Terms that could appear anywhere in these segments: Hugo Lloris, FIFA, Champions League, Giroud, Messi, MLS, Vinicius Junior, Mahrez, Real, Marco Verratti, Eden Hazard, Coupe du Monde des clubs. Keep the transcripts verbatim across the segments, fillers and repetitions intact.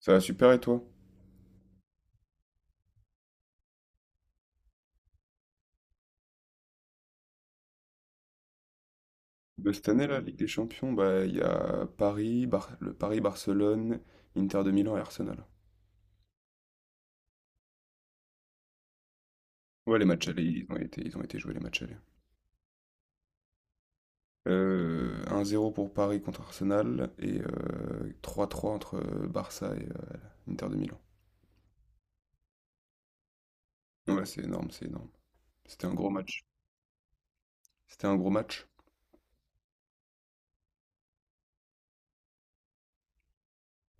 Ça va super et toi? De cette année, la Ligue des Champions, bah il y a Paris, Bar- le Paris, Barcelone, Inter de Milan et Arsenal. Ouais, les matchs allés, ils ont été, ils ont été joués les matchs allés. Euh, un zéro pour Paris contre Arsenal et euh, trois trois entre euh, Barça et euh, Inter de Milan. Ouais, c'est énorme, c'est énorme. C'était un gros match. C'était un gros match.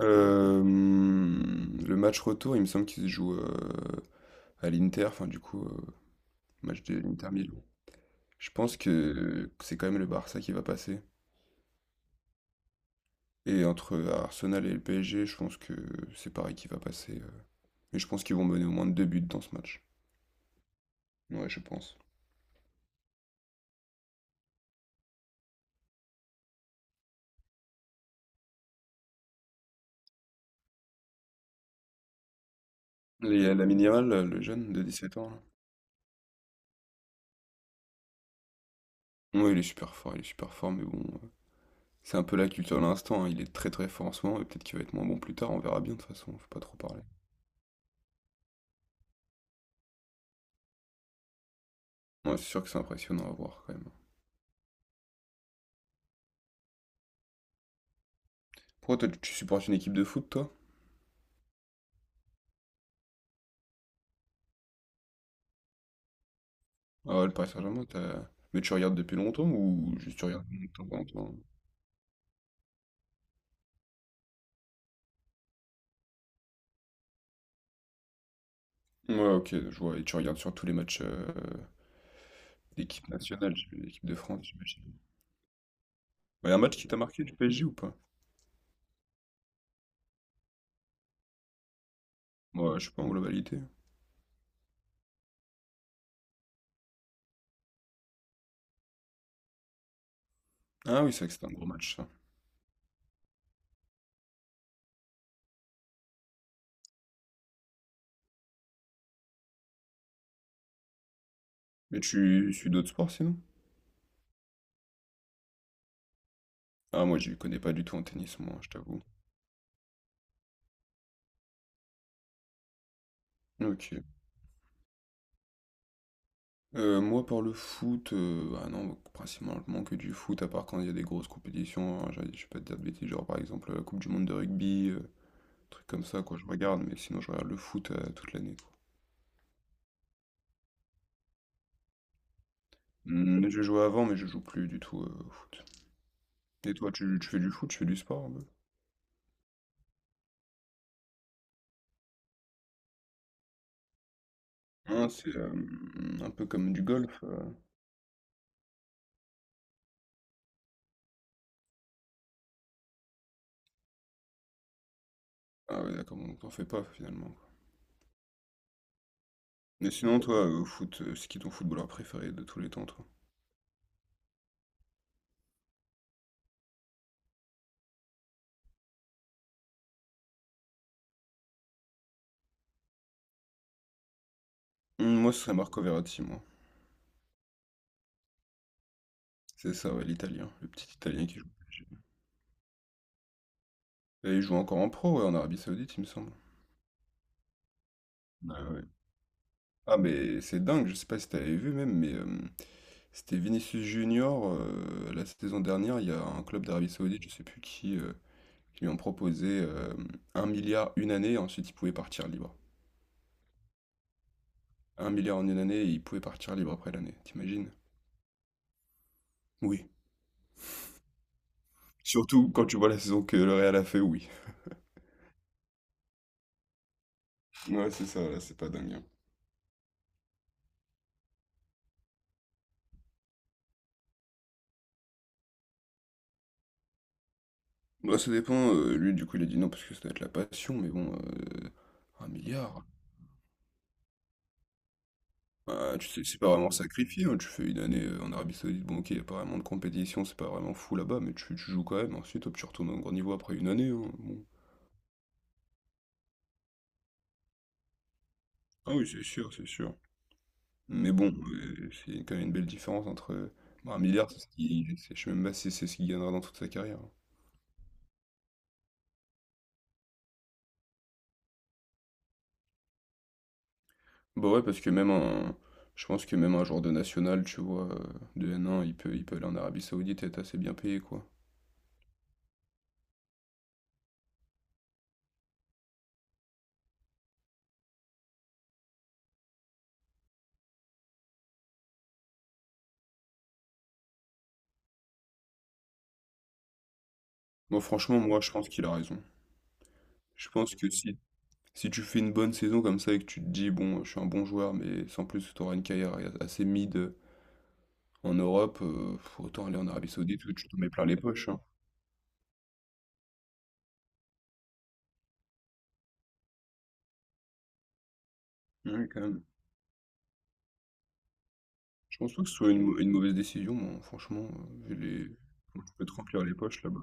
Euh, le match retour, il me semble qu'il se joue euh, à l'Inter, enfin du coup, euh, match de l'Inter Milan. Je pense que c'est quand même le Barça qui va passer. Et entre Arsenal et le P S G, je pense que c'est Paris qui va passer. euh, Mais je pense qu'ils vont mener au moins deux buts dans ce match. Ouais, je pense. Les, la minimale, là, le jeune de dix-sept ans, là. Ouais, il est super fort, il est super fort, mais bon, euh, c'est un peu la culture de l'instant, hein. Il est très très fort en ce moment, et peut-être qu'il va être moins bon plus tard, on verra bien de toute façon, faut pas trop parler. Ouais, c'est sûr que c'est impressionnant à voir quand même. Pourquoi toi, tu tu supportes une équipe de foot, toi? Ah ouais, le Paris Saint-Germain, t'as- mais tu regardes depuis longtemps ou juste tu regardes depuis longtemps? Ouais, ok, je vois. Et tu regardes sur tous les matchs euh, L'équipe nationale, j'ai- l'équipe de France, j'imagine. Il y a un match qui t'a marqué du P S G ou pas? Moi, je sais pas en globalité. Ah oui, c'est vrai que c'était un gros match, ça. Mais tu suis d'autres sports sinon? Ah, moi, je connais pas du tout en tennis, moi, je t'avoue. Ok. Euh, moi, pour le foot, euh, ah non, principalement que du foot, à part quand il y a des grosses compétitions, hein, j'ai- je vais pas te dire de bêtises, genre par exemple la Coupe du Monde de rugby, euh, trucs comme ça, quoi, je regarde, mais sinon, je regarde le foot euh, toute l'année, quoi. Hmm, je jouais avant, mais je joue plus du tout euh, au foot. Et toi, tu, tu fais du foot, tu fais du sport? Ah, c'est euh, un peu comme du golf. euh. Ah ouais, d'accord, donc t'en fais pas finalement, quoi. Mais sinon, toi, au foot, euh, c'est qui ton footballeur préféré de tous les temps, toi? Hum, moi, ce serait Marco Verratti, moi. C'est ça, ouais, l'Italien, le petit Italien qui joue au P S G. Et il joue encore en pro, ouais, en Arabie Saoudite, il me semble. Ah, ouais. Ah, mais c'est dingue, je sais pas si t'avais vu même, mais euh, c'était Vinicius Junior euh, la saison dernière, il y a un club d'Arabie Saoudite, je sais plus qui, euh, qui lui ont proposé euh, un milliard une année, ensuite il pouvait partir libre. Un milliard en une année, il pouvait partir libre après l'année, t'imagines? Oui. Surtout quand tu vois la saison que le Real a fait, oui. Ouais, c'est ça, là, c'est pas dingue, hein. Bah, ça dépend. euh, lui, du coup, il a dit non parce que ça doit être la passion, mais bon, euh, un milliard. Ah, tu sais, c'est pas vraiment sacrifié, hein. Tu fais une année euh, en Arabie Saoudite, bon, ok, y a pas vraiment de compétition, c'est pas vraiment fou là-bas, mais tu, tu joues quand même. Ensuite, hop, tu retournes au grand niveau après une année, hein, bon. Ah oui, c'est sûr, c'est sûr. Mais bon, euh, c'est quand même une belle différence entre. euh, bah, un milliard, c'est ce qui. c'est- Je sais même pas si c'est ce qu'il gagnera dans toute sa carrière, hein. Bah, ouais, parce que même un je pense que même un joueur de national, tu vois, heu, de N un, il peut il peut aller en Arabie Saoudite et être assez bien payé, quoi. Bon, franchement, moi, je pense qu'il a raison. Je pense que si si tu fais une bonne saison comme ça et que tu te dis: «Bon, je suis un bon joueur, mais sans plus, tu auras une carrière assez mid, en Europe, heu, autant aller en Arabie Saoudite où tu te mets plein les poches», hein. Ouais, quand même. Je pense pas que ce soit une mau une mauvaise décision, moi, franchement, heu, vu les comment tu peux te remplir les poches là-bas.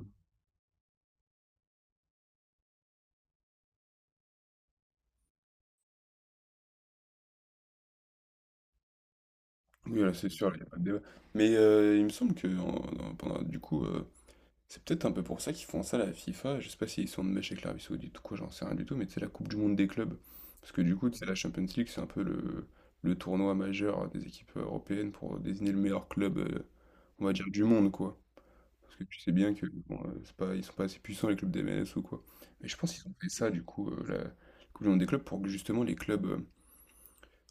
Oui, là, c'est sûr, il y a pas de débat. Mais heu, il me semble que en en- pendant du coup, euh, C'est peut-être un peu pour ça qu'ils font ça, la FIFA. Je sais pas s'ils sont de mèche avec l'Arabie Saoudite ou quoi, j'en sais rien du tout, mais c'est la Coupe du Monde des clubs. Parce que du coup, c'est la Champions League, c'est un peu le, le tournoi majeur des équipes européennes pour désigner le meilleur club, euh, on va dire, du monde, quoi. Parce que tu sais bien que bon, euh, c'est pas, ils sont pas assez puissants, les clubs des M L S ou quoi. Mais je pense qu'ils ont fait ça, du coup, euh, la Coupe du Monde des clubs, pour que justement les clubs euh,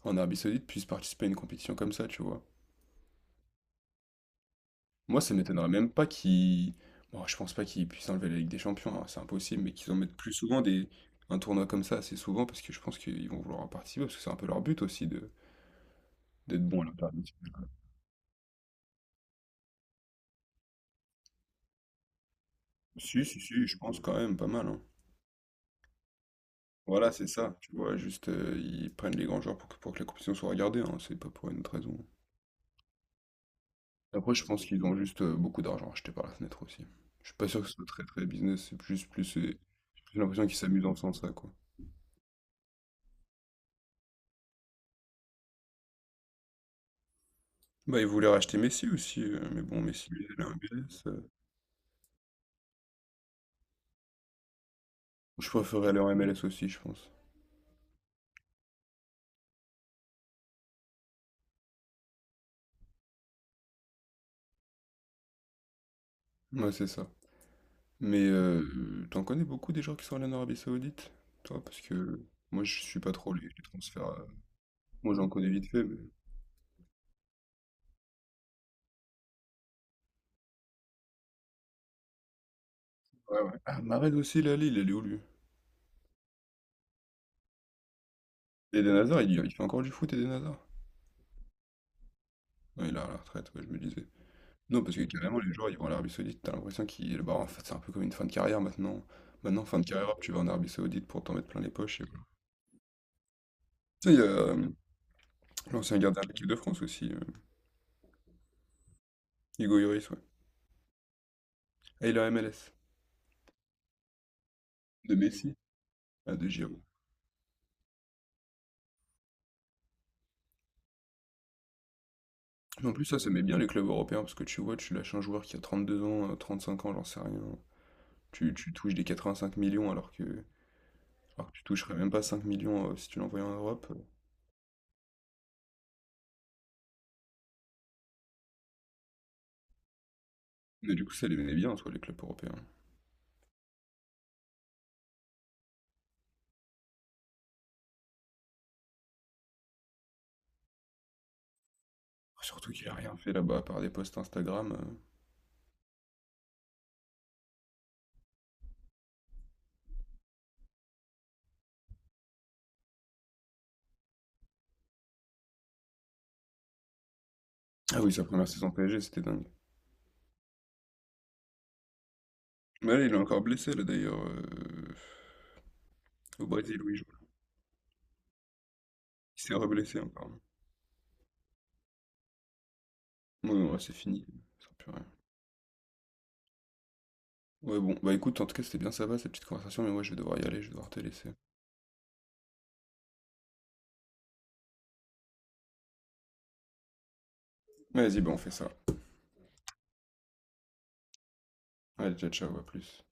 en Arabie Saoudite puissent participer à une compétition comme ça, tu vois. Moi, ça m'étonnerait même pas qu'ils. Bon, je pense pas qu'ils puissent enlever la Ligue des Champions, hein, c'est impossible, mais qu'ils en mettent plus souvent des... un tournoi comme ça assez souvent parce que je pense qu'ils vont vouloir en participer parce que c'est un peu leur but aussi de d'être bon à l'international. Si, si, si, je pense quand même pas mal, hein. Voilà, c'est ça. Tu vois, juste euh, ils prennent les grands joueurs pour que, pour que la compétition soit regardée, hein, c'est pas pour une autre raison. Après, je pense qu'ils ont juste euh, beaucoup d'argent acheté par la fenêtre aussi. Je suis pas sûr que ce soit très très business, c'est plus plus euh, j'ai plus l'impression qu'ils s'amusent en faisant ça, quoi. Bah, ils voulaient racheter Messi aussi, heu, mais bon, Messi, il est allé en M L S, heu, je préférerais aller en M L S aussi, je pense. Ouais, c'est ça. Mais heu, tu en connais beaucoup des gens qui sont allés en Arabie Saoudite, toi? Parce que moi, je suis pas trop les les transferts, heu, moi, j'en connais vite fait, mais ouais, ouais. Ah, Mahrez aussi, là, il est allé où, lui? Eden Hazard, il y il fait encore du foot, Eden Hazard? non il est à la retraite, ouais, je me disais. Non, parce que carrément, les joueurs, ils vont en Arabie Saoudite, t'as l'impression qu'ils bah, en fait, c'est un peu comme une fin de carrière maintenant. Maintenant, fin de carrière, hop, tu vas en Arabie Saoudite pour t'en mettre plein les poches et voilà. Tu sais, il y a, hem, L'ancien gardien de l'équipe de France aussi, euh, Hugo Lloris, ouais. Ah il est en M L S. De Messi. Ah, de Giroud. Mais En plus, ça, ça met bien les clubs européens, parce que tu vois, tu lâches un joueur qui a trente-deux ans, euh, trente-cinq ans, j'en sais rien. Tu, tu touches des quatre-vingt-cinq millions, alors que, alors que tu toucherais même pas cinq millions euh, si tu l'envoyais en Europe. Mais du coup, ça les met bien, soit les clubs européens. Surtout qu'il a rien fait là-bas, à part des posts Instagram. euh. Ah oui, sa première saison P S G, c'était dingue. Mais là, il est encore blessé, là, d'ailleurs, euh, au Brésil, oui, il joue. Il s'est reblessé encore. Ouais, ouais, c'est fini. Ça sert plus à rien. Ouais, bon, bah écoute, en tout cas, c'était bien sympa cette petite conversation, mais moi je vais devoir y aller, je vais devoir te laisser. Vas-y, bah on fait ça. Allez, ciao, ciao, à plus.